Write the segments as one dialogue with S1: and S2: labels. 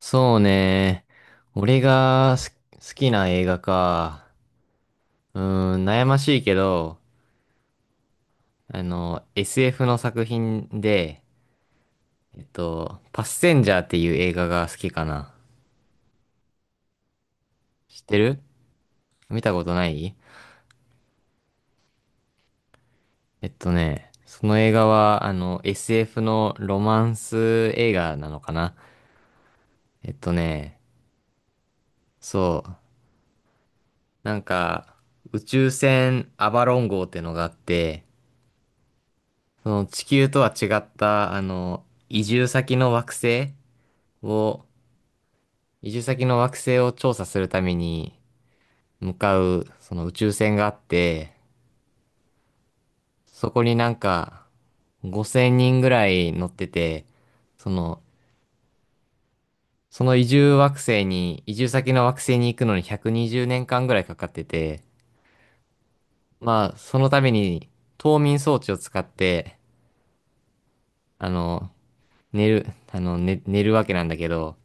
S1: そうね。俺が好きな映画か。悩ましいけど、SF の作品で、パッセンジャーっていう映画が好きかな。知ってる？見たことない？えっとね、その映画は、SF のロマンス映画なのかな。えっとね、そう。なんか、宇宙船アバロン号ってのがあって、その地球とは違った、移住先の惑星を、移住先の惑星を調査するために向かう、その宇宙船があって、そこになんか5000人ぐらい乗ってて、その、その移住惑星に、移住先の惑星に行くのに120年間ぐらいかかってて、まあ、そのために冬眠装置を使って、あの、寝る、寝るわけなんだけど、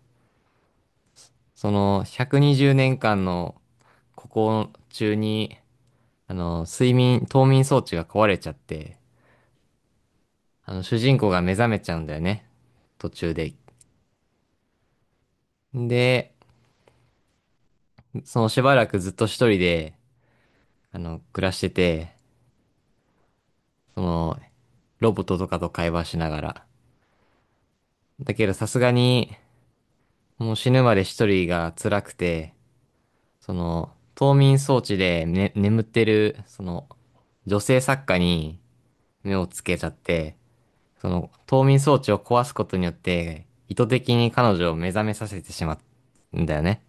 S1: その120年間の中に、冬眠装置が壊れちゃって、主人公が目覚めちゃうんだよね。途中で。で、そのしばらくずっと一人で、暮らしてて、その、ロボットとかと会話しながら。だけどさすがに、もう死ぬまで一人が辛くて、その、冬眠装置で、ね、眠ってる、その、女性作家に目をつけちゃって、その冬眠装置を壊すことによって、意図的に彼女を目覚めさせてしまうんだよね。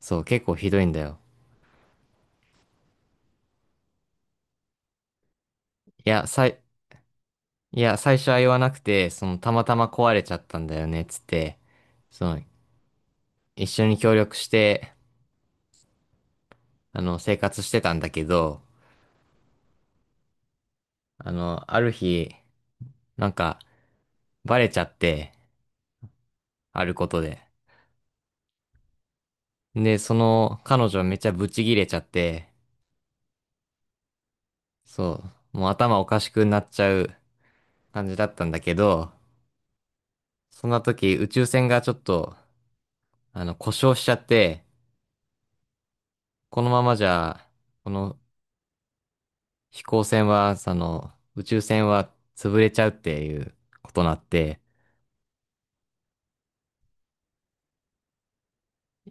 S1: そう、結構ひどいんだよ。いや、さい、いや、最初は言わなくて、その、たまたま壊れちゃったんだよね、つって、その、一緒に協力して、生活してたんだけど、ある日、なんか、バレちゃって、あることで。で、その、彼女めっちゃブチギレちゃって、そう、もう頭おかしくなっちゃう感じだったんだけど、そんな時、宇宙船がちょっと、故障しちゃって、このままじゃ、この飛行船は、その、宇宙船は潰れちゃうっていうことになって、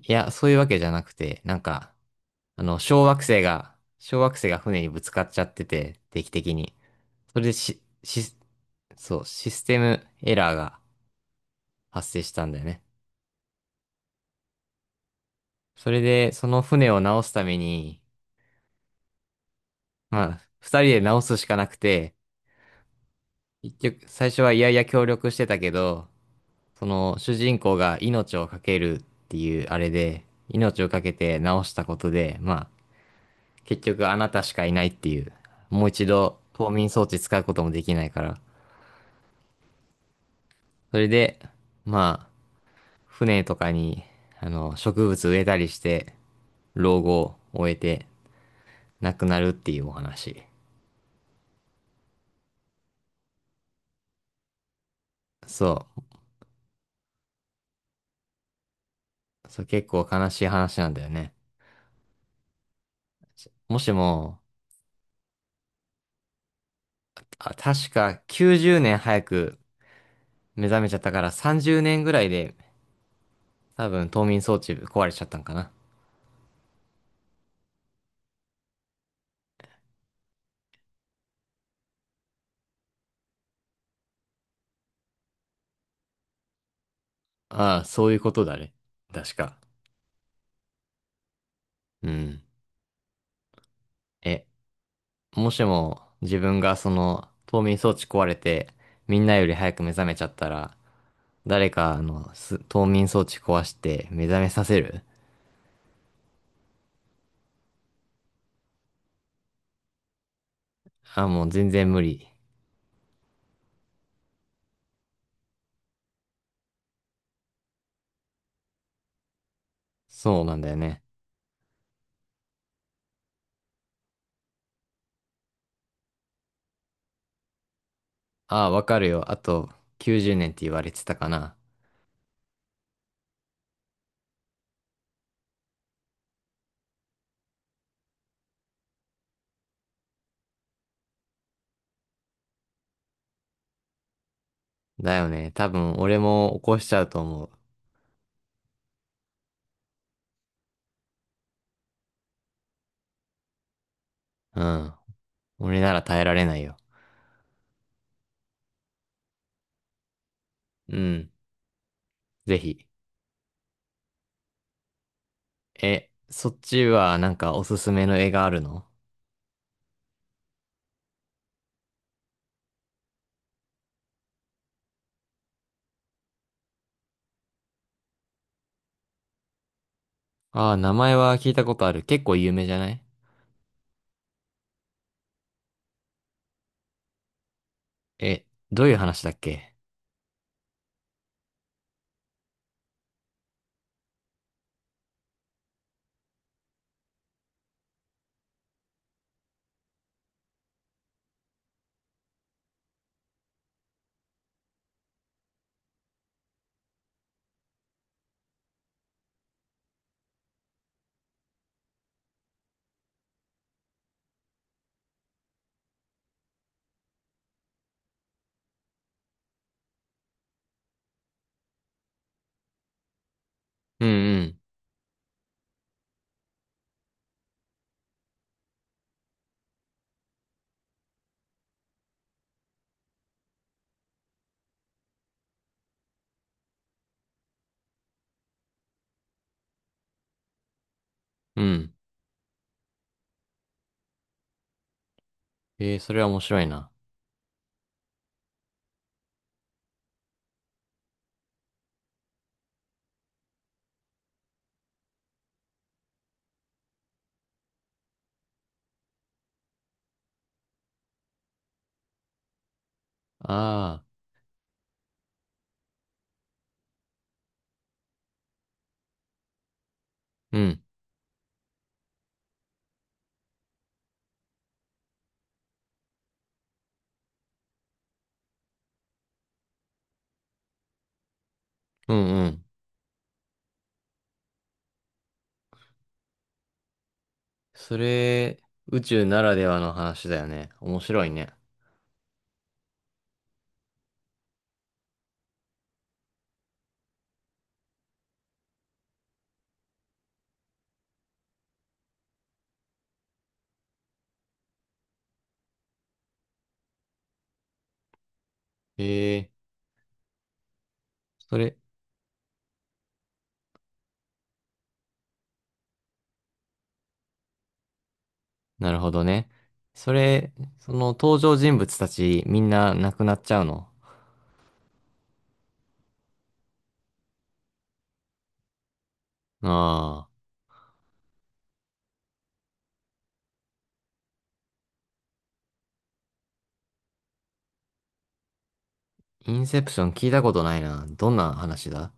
S1: いや、そういうわけじゃなくて、なんか、小惑星が、小惑星が船にぶつかっちゃってて、定期的に。それでし、し、そう、システムエラーが発生したんだよね。それで、その船を直すために、まあ、二人で直すしかなくて、結局、最初は嫌々協力してたけど、その主人公が命を懸けるっていうあれで、命を懸けて直したことで、まあ、結局あなたしかいないっていう、もう一度冬眠装置使うこともできないから、それで、まあ、船とかに、植物植えたりして、老後を終えて亡くなるっていうお話。そう。そう結構悲しい話なんだよね。もしも、あ、確か90年早く目覚めちゃったから30年ぐらいで多分、冬眠装置壊れちゃったんかな。ああ、そういうことだね。確か。うん。え、もしも自分がその冬眠装置壊れて、みんなより早く目覚めちゃったら、誰かあのす冬眠装置壊して目覚めさせる？ああ、もう全然無理。そうなんだよね。ああ、わかるよ。あと90年って言われてたかな。だよね。多分俺も起こしちゃうと思う。うん。俺なら耐えられないよ。うん。ぜひ。え、そっちはなんかおすすめの絵があるの？ああー、名前は聞いたことある。結構有名じゃない？え、どういう話だっけ？うん。うん、うん。えー、それは面白いな。ああ、うん、うん、うん。それ、宇宙ならではの話だよね。面白いね。ええ、それ、なるほどね。それ、その登場人物たちみんな亡くなっちゃうの？ああー、インセプション聞いたことないな。どんな話だ？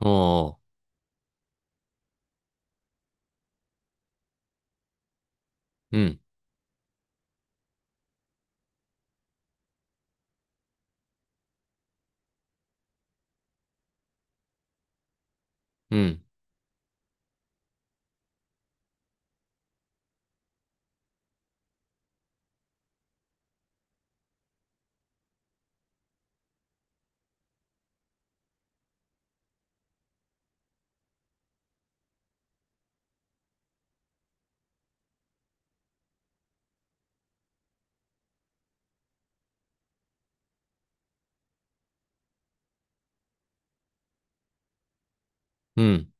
S1: おー。うん、うん。うん。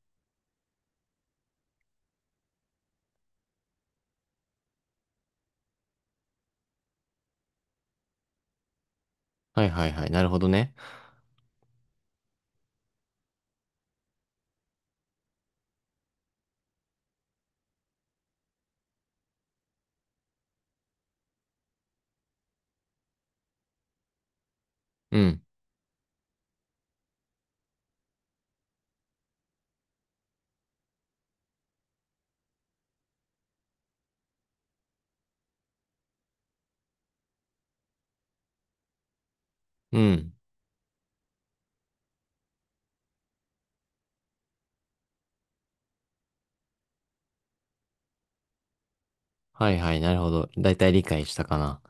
S1: はいはいはい。なるほどね。うん。うん。はいはい。なるほど。だいたい理解したかな。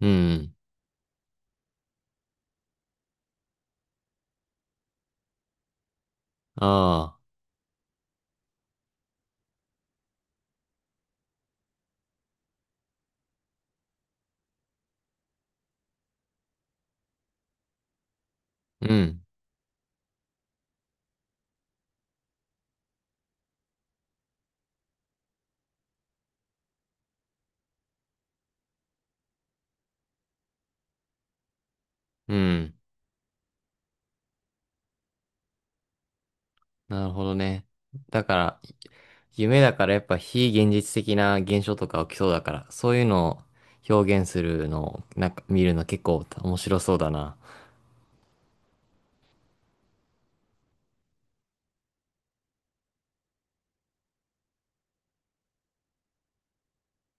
S1: うん。ああ。うん。うん。なるほどね。だから、夢だからやっぱ非現実的な現象とか起きそうだから、そういうのを表現するのを、なんか見るの結構面白そうだな。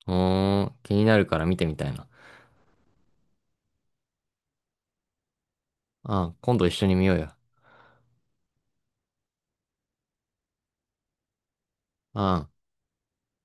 S1: うーん。気になるから見てみたいな。ああ、今度一緒に見ようよ。ああ。